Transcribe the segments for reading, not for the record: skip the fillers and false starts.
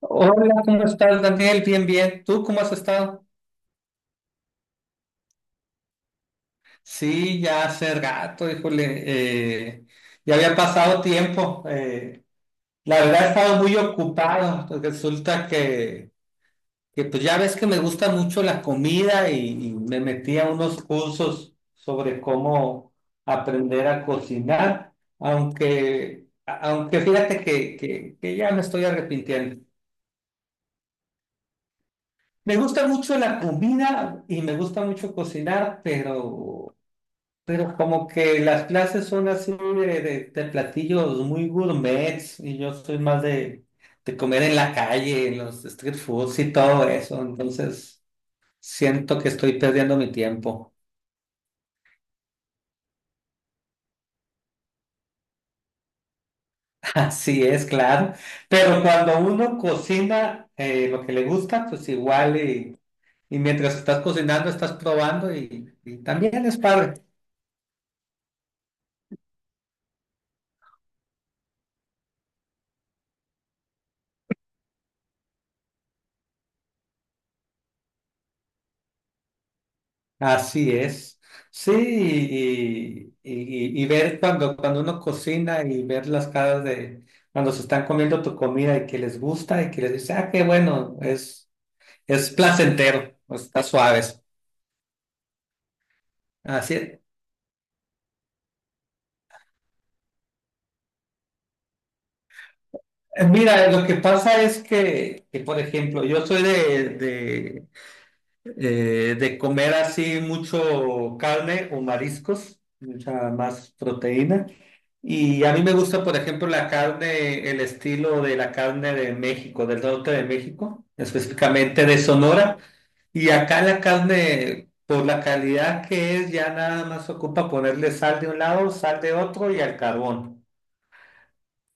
Hola, ¿cómo estás, Daniel? Bien, bien. ¿Tú cómo has estado? Sí, ya hace gato, híjole. eh, ya había pasado tiempo. La verdad he estado muy ocupado. Pues resulta pues ya ves que me gusta mucho la comida y me metí a unos cursos sobre cómo aprender a cocinar, aunque fíjate que ya me estoy arrepintiendo. Me gusta mucho la comida y me gusta mucho cocinar, pero como que las clases son así de platillos muy gourmets y yo soy más de comer en la calle, en los street foods y todo eso. Entonces siento que estoy perdiendo mi tiempo. Así es, claro. Pero cuando uno cocina lo que le gusta, pues igual y mientras estás cocinando estás probando y también es padre. Así es. Sí, y ver cuando uno cocina y ver las caras de cuando se están comiendo tu comida y que les gusta y que les dice, ah, qué bueno, es placentero, está suave. Así es. Mira, lo que pasa es por ejemplo, yo soy de comer así mucho carne o mariscos, mucha más proteína. Y a mí me gusta, por ejemplo, la carne, el estilo de la carne de México, del norte de México, específicamente de Sonora. Y acá la carne, por la calidad que es, ya nada más ocupa ponerle sal de un lado, sal de otro y al carbón.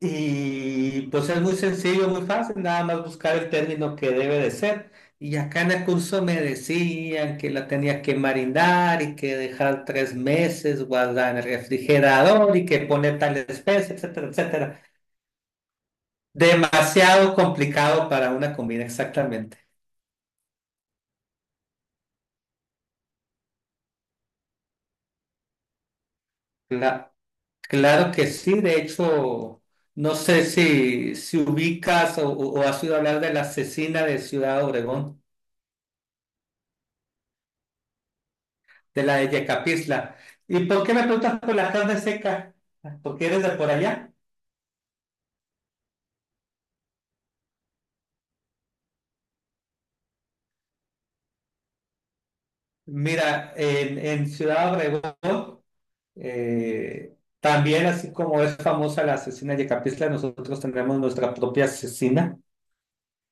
Y pues es muy sencillo, muy fácil, nada más buscar el término que debe de ser. Y acá en el curso me decían que la tenía que marinar y que dejar tres meses guardada en el refrigerador y que poner tal especie, etcétera, etcétera. Demasiado complicado para una comida, exactamente. Cla- claro que sí, de hecho, no sé si ubicas o has oído hablar de la cecina de Ciudad Obregón. De la de Yecapixtla. ¿Y por qué me preguntas por la carne seca? Porque eres de por allá. Mira, en Ciudad Obregón, eh, también así como es famosa la asesina Yecapixtla, nosotros tenemos nuestra propia asesina.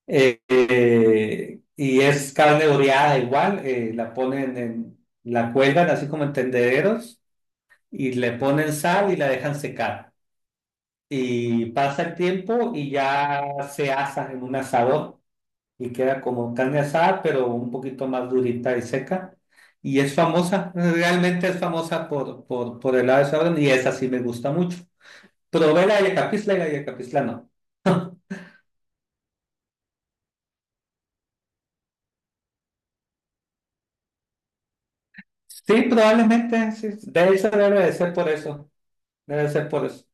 Y es carne oreada igual, la ponen en, la cuelgan así como en tendederos y le ponen sal y la dejan secar. Y pasa el tiempo y ya se asa en un asador. Y queda como carne asada, pero un poquito más durita y seca. Y es famosa, realmente es famosa por el lado de Sauron y esa sí me gusta mucho. Probé la Yacapisla y la Yacapisla no. Sí, probablemente, sí. De hecho, debe de ser por eso. Debe de ser por eso.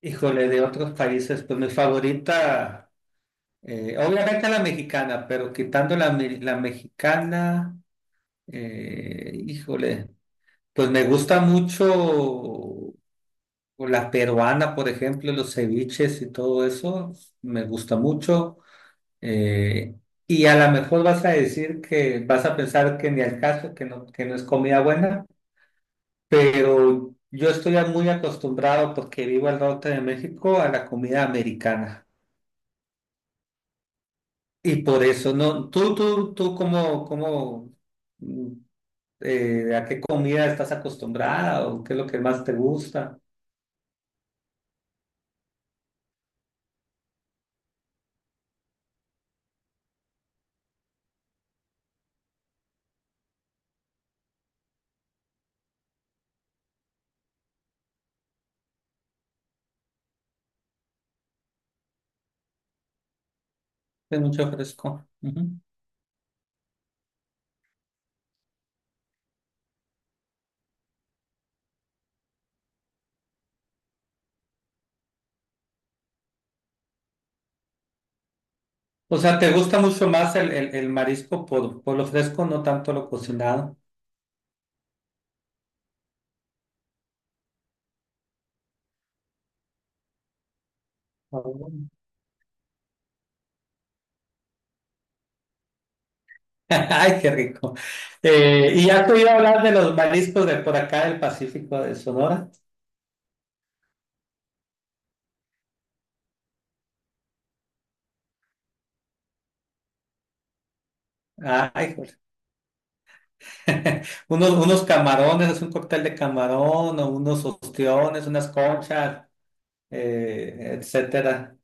Híjole, de otros países, pues mi favorita, obviamente la mexicana, pero quitando la mexicana, híjole, pues me gusta mucho. O la peruana, por ejemplo, los ceviches y todo eso, me gusta mucho. Eh, y a lo mejor vas a decir que vas a pensar que ni al caso, que no es comida buena, pero yo estoy muy acostumbrado porque vivo al norte de México a la comida americana. Y por eso, no, tú, ¿cómo, mm, a qué comida estás acostumbrada o qué es lo que más te gusta? Es mucho fresco. Ujú. O sea, ¿te gusta mucho más el marisco por lo fresco, no tanto lo cocinado? Ah, bueno. Ay, qué rico. ¿Y has oído hablar de los mariscos de por acá del Pacífico de Sonora? Ay, joder. Unos unos camarones, es un cóctel de camarón, o unos ostiones, unas conchas, etcétera.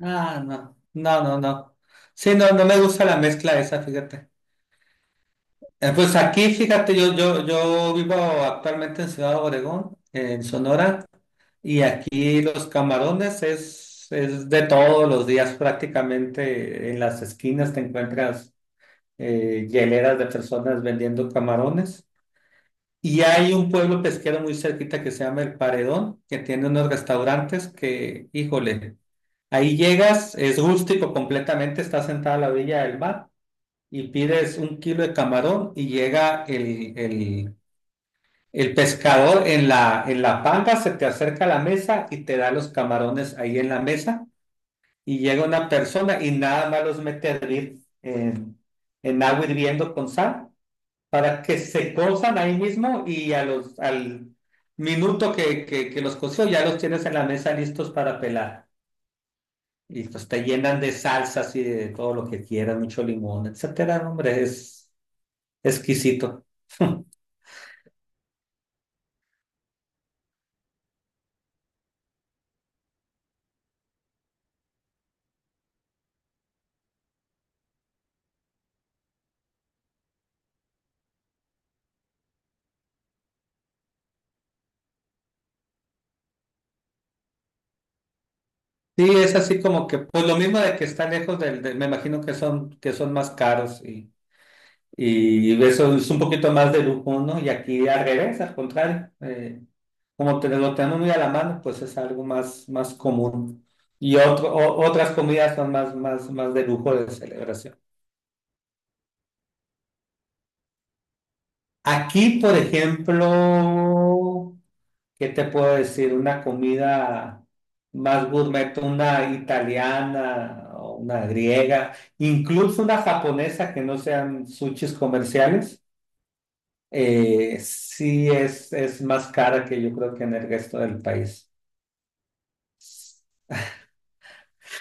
Ah, no, no, no, no. Sí, no, no me gusta la mezcla esa, fíjate. Pues aquí, fíjate, yo vivo actualmente en Ciudad Obregón, en Sonora, y aquí los camarones es de todos los días prácticamente. En las esquinas te encuentras hieleras de personas vendiendo camarones. Y hay un pueblo pesquero muy cerquita que se llama El Paredón, que tiene unos restaurantes que, híjole, ahí llegas, es rústico completamente, estás sentada a la orilla del mar y pides un kilo de camarón y llega el pescador en la panga, se te acerca a la mesa y te da los camarones ahí en la mesa, y llega una persona y nada más los mete a hervir en agua hirviendo con sal para que se cozan ahí mismo y al minuto que los coció ya los tienes en la mesa listos para pelar. Y pues te llenan de salsas y de todo lo que quieras, mucho limón, etcétera. Hombre, es exquisito. Sí, es así como que, pues lo mismo de que está lejos me imagino que son más caros, y eso es un poquito más de lujo, ¿no? Y aquí al revés, al contrario, como te, lo tenemos muy a la mano, pues es algo más, más común. Y otras comidas son más, más, más de lujo de celebración. Aquí, por ejemplo, ¿qué te puedo decir? Una comida más gourmet, una italiana o una griega, incluso una japonesa que no sean sushis comerciales, sí es más cara que yo creo que en el resto del país.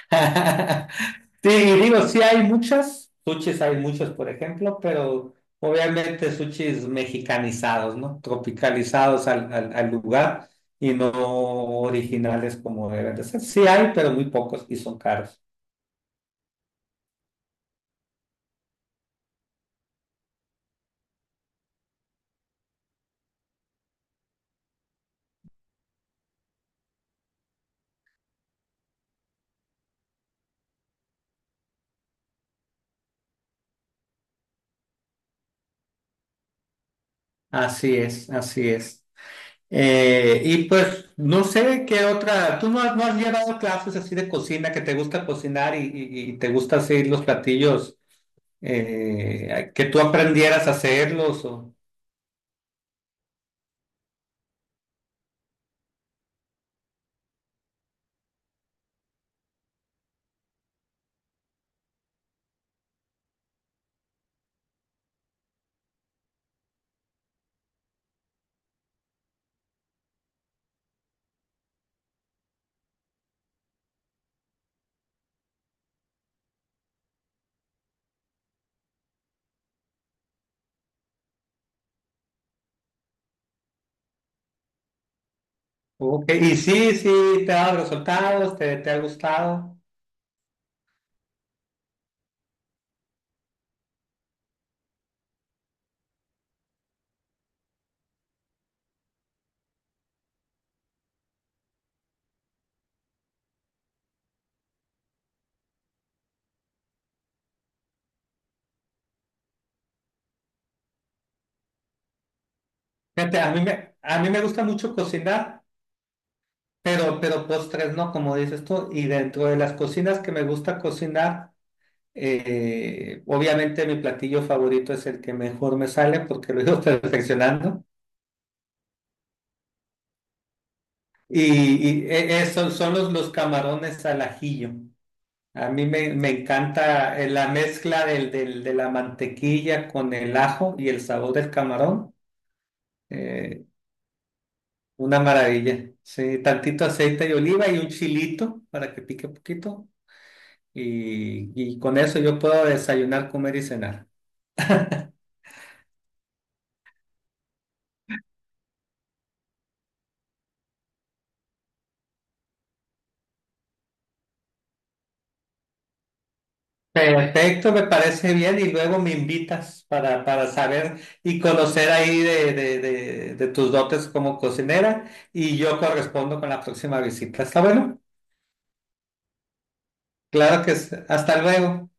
Sí, y digo, sí hay muchas, sushis hay muchos, por ejemplo, pero obviamente sushis mexicanizados, ¿no? Tropicalizados al lugar, y no originales como deben de ser. Sí hay, pero muy pocos y son caros. Así es, así es. Y pues no sé qué otra, tú no has, no has llevado clases así de cocina, que te gusta cocinar y te gusta hacer los platillos, que tú aprendieras a hacerlos o... Ok, ¿y sí, sí, te ha dado resultados, te ha gustado? Fíjate, a mí me gusta mucho cocinar, pero postres no, como dices tú. Y dentro de las cocinas que me gusta cocinar, obviamente mi platillo favorito es el que mejor me sale porque lo he ido perfeccionando. Y, Eso son los camarones al ajillo. Me encanta la mezcla de la mantequilla con el ajo y el sabor del camarón. eh, Una maravilla. Sí, tantito aceite de oliva y un chilito para que pique poquito. Y y con eso yo puedo desayunar, comer y cenar. Perfecto, me parece bien. Y luego me invitas para saber y conocer ahí de tus dotes como cocinera. Y yo correspondo con la próxima visita. ¿Está bueno? Claro que sí. Hasta luego.